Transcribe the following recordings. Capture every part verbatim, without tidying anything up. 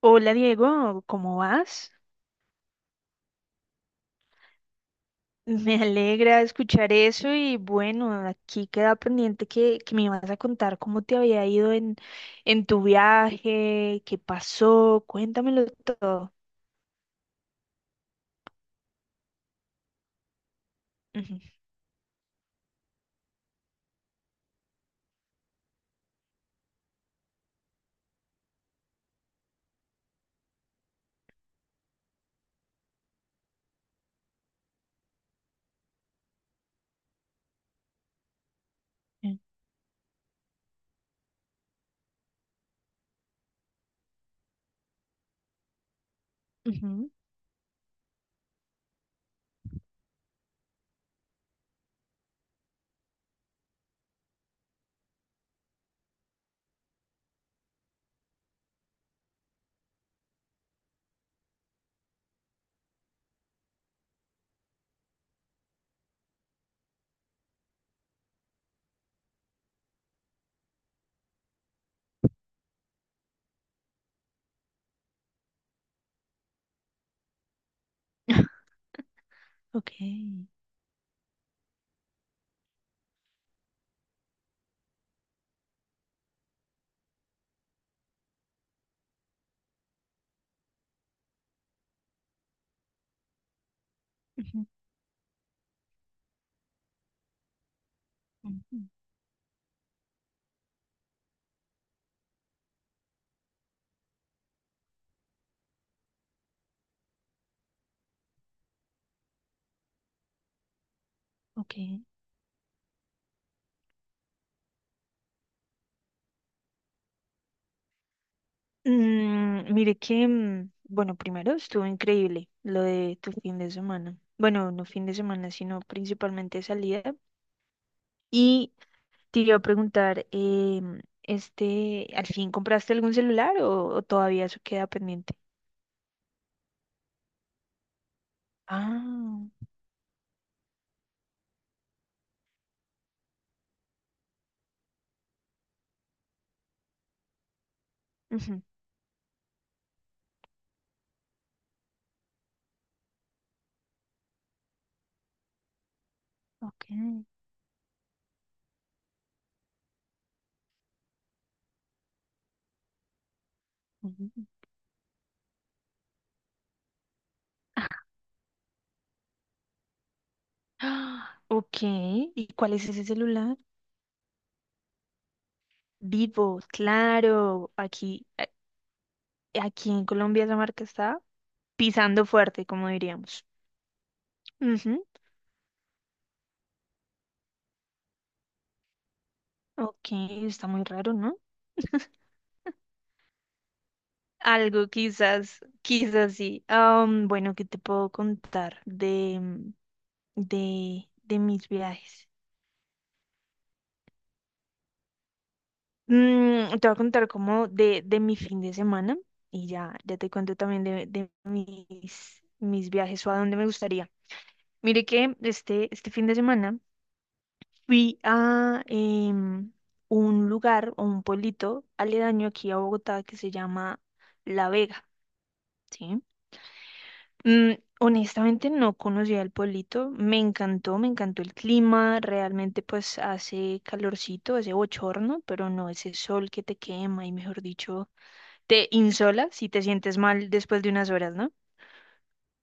Hola Diego, ¿cómo vas? Me alegra escuchar eso y bueno, aquí queda pendiente que, que me ibas a contar cómo te había ido en, en tu viaje, qué pasó, cuéntamelo todo. Ujú. eh, Ujú. Ok. Ujú. Ujú. Ok. Mm, mire que, mm, bueno, primero estuvo increíble lo de tu fin de semana. Bueno, no fin de semana, sino principalmente salida. Y te iba a preguntar, em, este, ¿al fin compraste algún celular o, o todavía eso queda pendiente? Ah. Ujú. Ok. Ujú. Ah, ok, ¿y cuál es ese celular? Vivo, claro, aquí, a- aquí en Colombia esa marca está pisando fuerte, como diríamos. Ujú. Ok. Está muy raro, ¿no? Algo quizás, quizás sí. Am, bueno, ¿qué te puedo contar de, de, de mis viajes? Mm, te voy a contar como de, de mi fin de semana y ya, ya te cuento también de, de mis, mis viajes o a dónde me gustaría. Mire que este, este fin de semana fui a, em, un lugar o un pueblito aledaño aquí a Bogotá que se llama La Vega, ¿sí? Mm, honestamente no conocía el pueblito, me encantó, me encantó el clima, realmente pues hace calorcito, hace bochorno, pero no ese sol que te quema y mejor dicho te insola si te sientes mal después de unas horas, ¿no?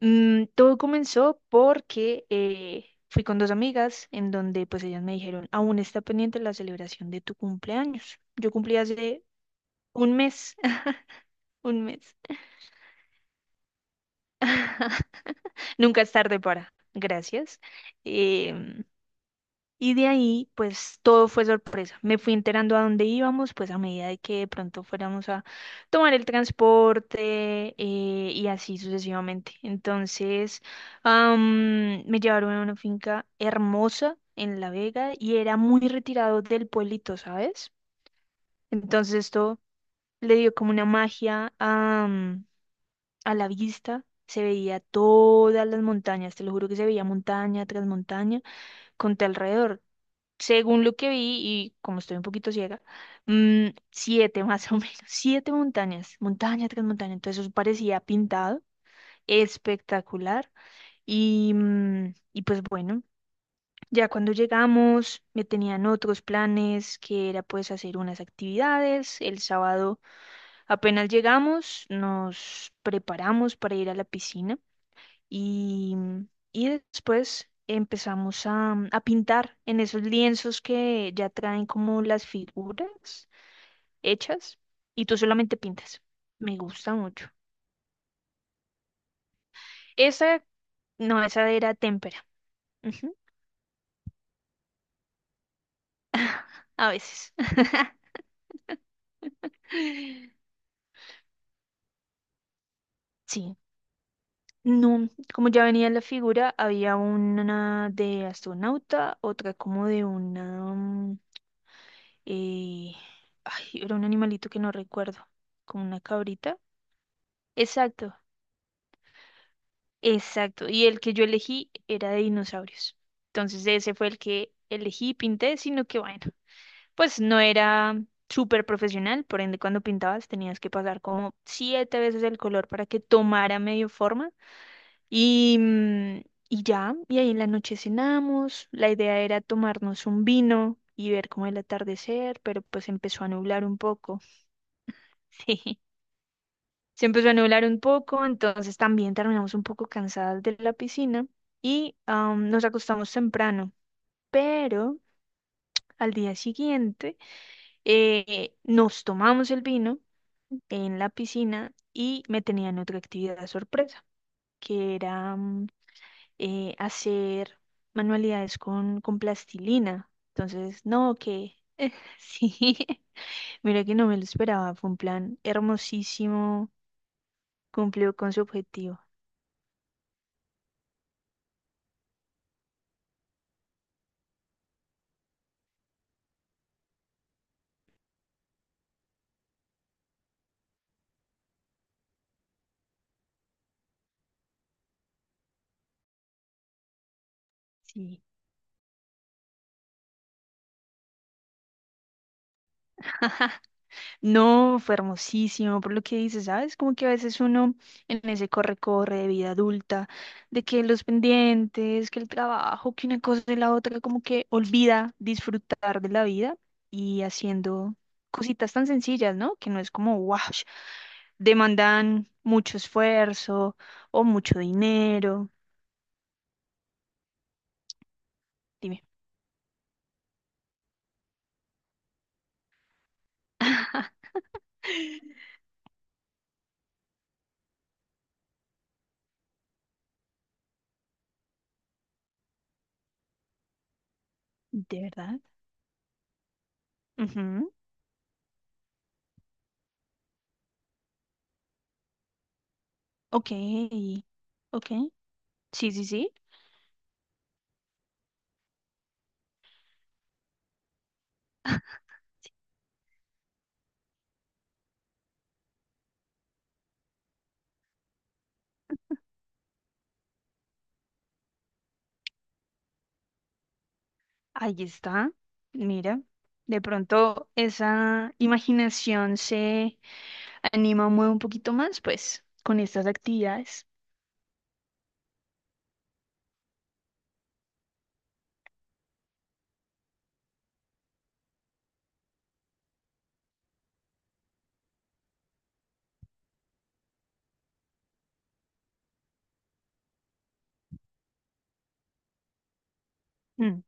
Mm, todo comenzó porque eh, fui con dos amigas en donde pues ellas me dijeron, aún está pendiente la celebración de tu cumpleaños. Yo cumplí hace un mes, un mes. Nunca es tarde para, gracias. Em, Y de ahí, pues todo fue sorpresa. Me fui enterando a dónde íbamos, pues a medida de que de pronto fuéramos a tomar el transporte, eh, y así sucesivamente. Entonces, am, me llevaron a una finca hermosa en La Vega y era muy retirado del pueblito, ¿sabes? Entonces esto le dio como una magia am, a la vista. Se veía todas las montañas, te lo juro que se veía montaña tras montaña con tu alrededor. Según lo que vi, y como estoy un poquito ciega, mm, siete más o menos, siete montañas, montaña tras montaña, entonces eso parecía pintado, espectacular, y, mm, y pues bueno, ya cuando llegamos me tenían otros planes, que era pues hacer unas actividades. El sábado apenas llegamos, nos preparamos para ir a la piscina, y, y después empezamos a, a pintar en esos lienzos que ya traen como las figuras hechas y tú solamente pintas. Me gusta mucho. Esa, no, esa era témpera. Ujú. A veces. Sí. No, como ya venía la figura, había una de astronauta, otra como de una... mm, eh, ay, era un animalito que no recuerdo, como una cabrita. Exacto, exacto, y el que yo elegí era de dinosaurios. Entonces ese fue el que elegí y pinté, sino que bueno, pues no era súper profesional, por ende cuando pintabas tenías que pasar como siete veces el color para que tomara medio forma y, mm, y ya, y ahí en la noche cenamos, la idea era tomarnos un vino y ver como el atardecer, pero pues empezó a nublar un poco. Se empezó a nublar un poco, entonces también terminamos un poco cansadas de la piscina y, am, nos acostamos temprano. Pero al día siguiente, eh, nos tomamos el vino en la piscina y me tenían otra actividad sorpresa, que era mm, eh, hacer manualidades con, con plastilina. Entonces, no, que sí, mira que no me lo esperaba, fue un plan hermosísimo, cumplió con su objetivo. Sí. No, fue hermosísimo, por lo que dices, ¿sabes? Como que a veces uno, en ese corre-corre de vida adulta, de que los pendientes, que el trabajo, que una cosa y la otra, como que olvida disfrutar de la vida y haciendo cositas tan sencillas, ¿no? Que no es como, wow, demandan mucho esfuerzo o mucho dinero. Dime. ¿De verdad? Ujú. Ok. Ok. Sí, sí, sí. Ahí está, mira, de pronto esa imaginación se anima, mueve un poquito más, pues, con estas actividades. Mm,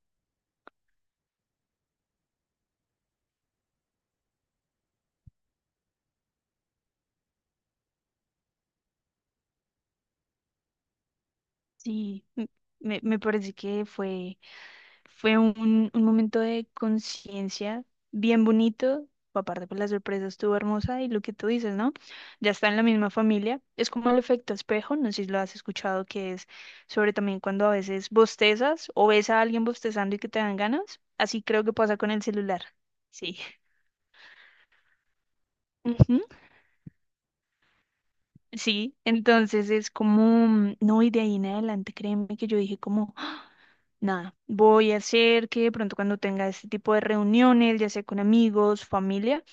sí, m- me, me parece que fue Fue un, un momento de conciencia bien bonito. Aparte, pues la sorpresa estuvo hermosa y lo que tú dices, ¿no? Ya está en la misma familia. Es como el efecto espejo, no sé si lo has escuchado, que es sobre también cuando a veces bostezas o ves a alguien bostezando y que te dan ganas. Así creo que pasa con el celular. Sí. Ujú. Sí, entonces es como, mm, no, y de ahí en adelante, créeme que yo dije como, ¡ah! Nada, voy a hacer que de pronto cuando tenga este tipo de reuniones, ya sea con amigos, familia,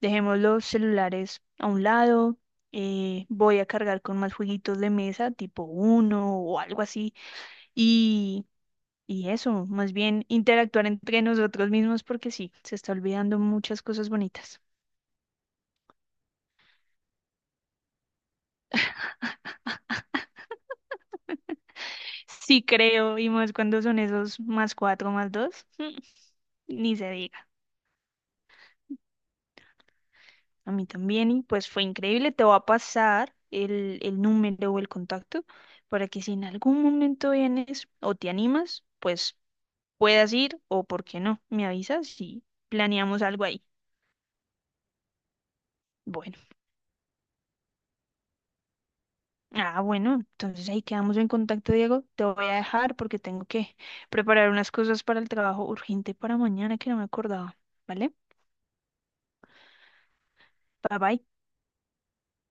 dejemos los celulares a un lado. eh, voy a cargar con más jueguitos de mesa, tipo uno o algo así. Y, y eso, más bien interactuar entre nosotros mismos porque sí, se está olvidando muchas cosas bonitas. Sí creo, y más cuando son esos más cuatro, más dos, ni se diga. A mí también, y pues fue increíble. Te voy a pasar el, el número o el contacto para que si en algún momento vienes o te animas, pues puedas ir o por qué no, me avisas y planeamos algo ahí. Bueno, ah, bueno, entonces ahí quedamos en contacto, Diego. Te voy a dejar porque tengo que preparar unas cosas para el trabajo urgente para mañana que no me acordaba. ¿Vale? Bye bye.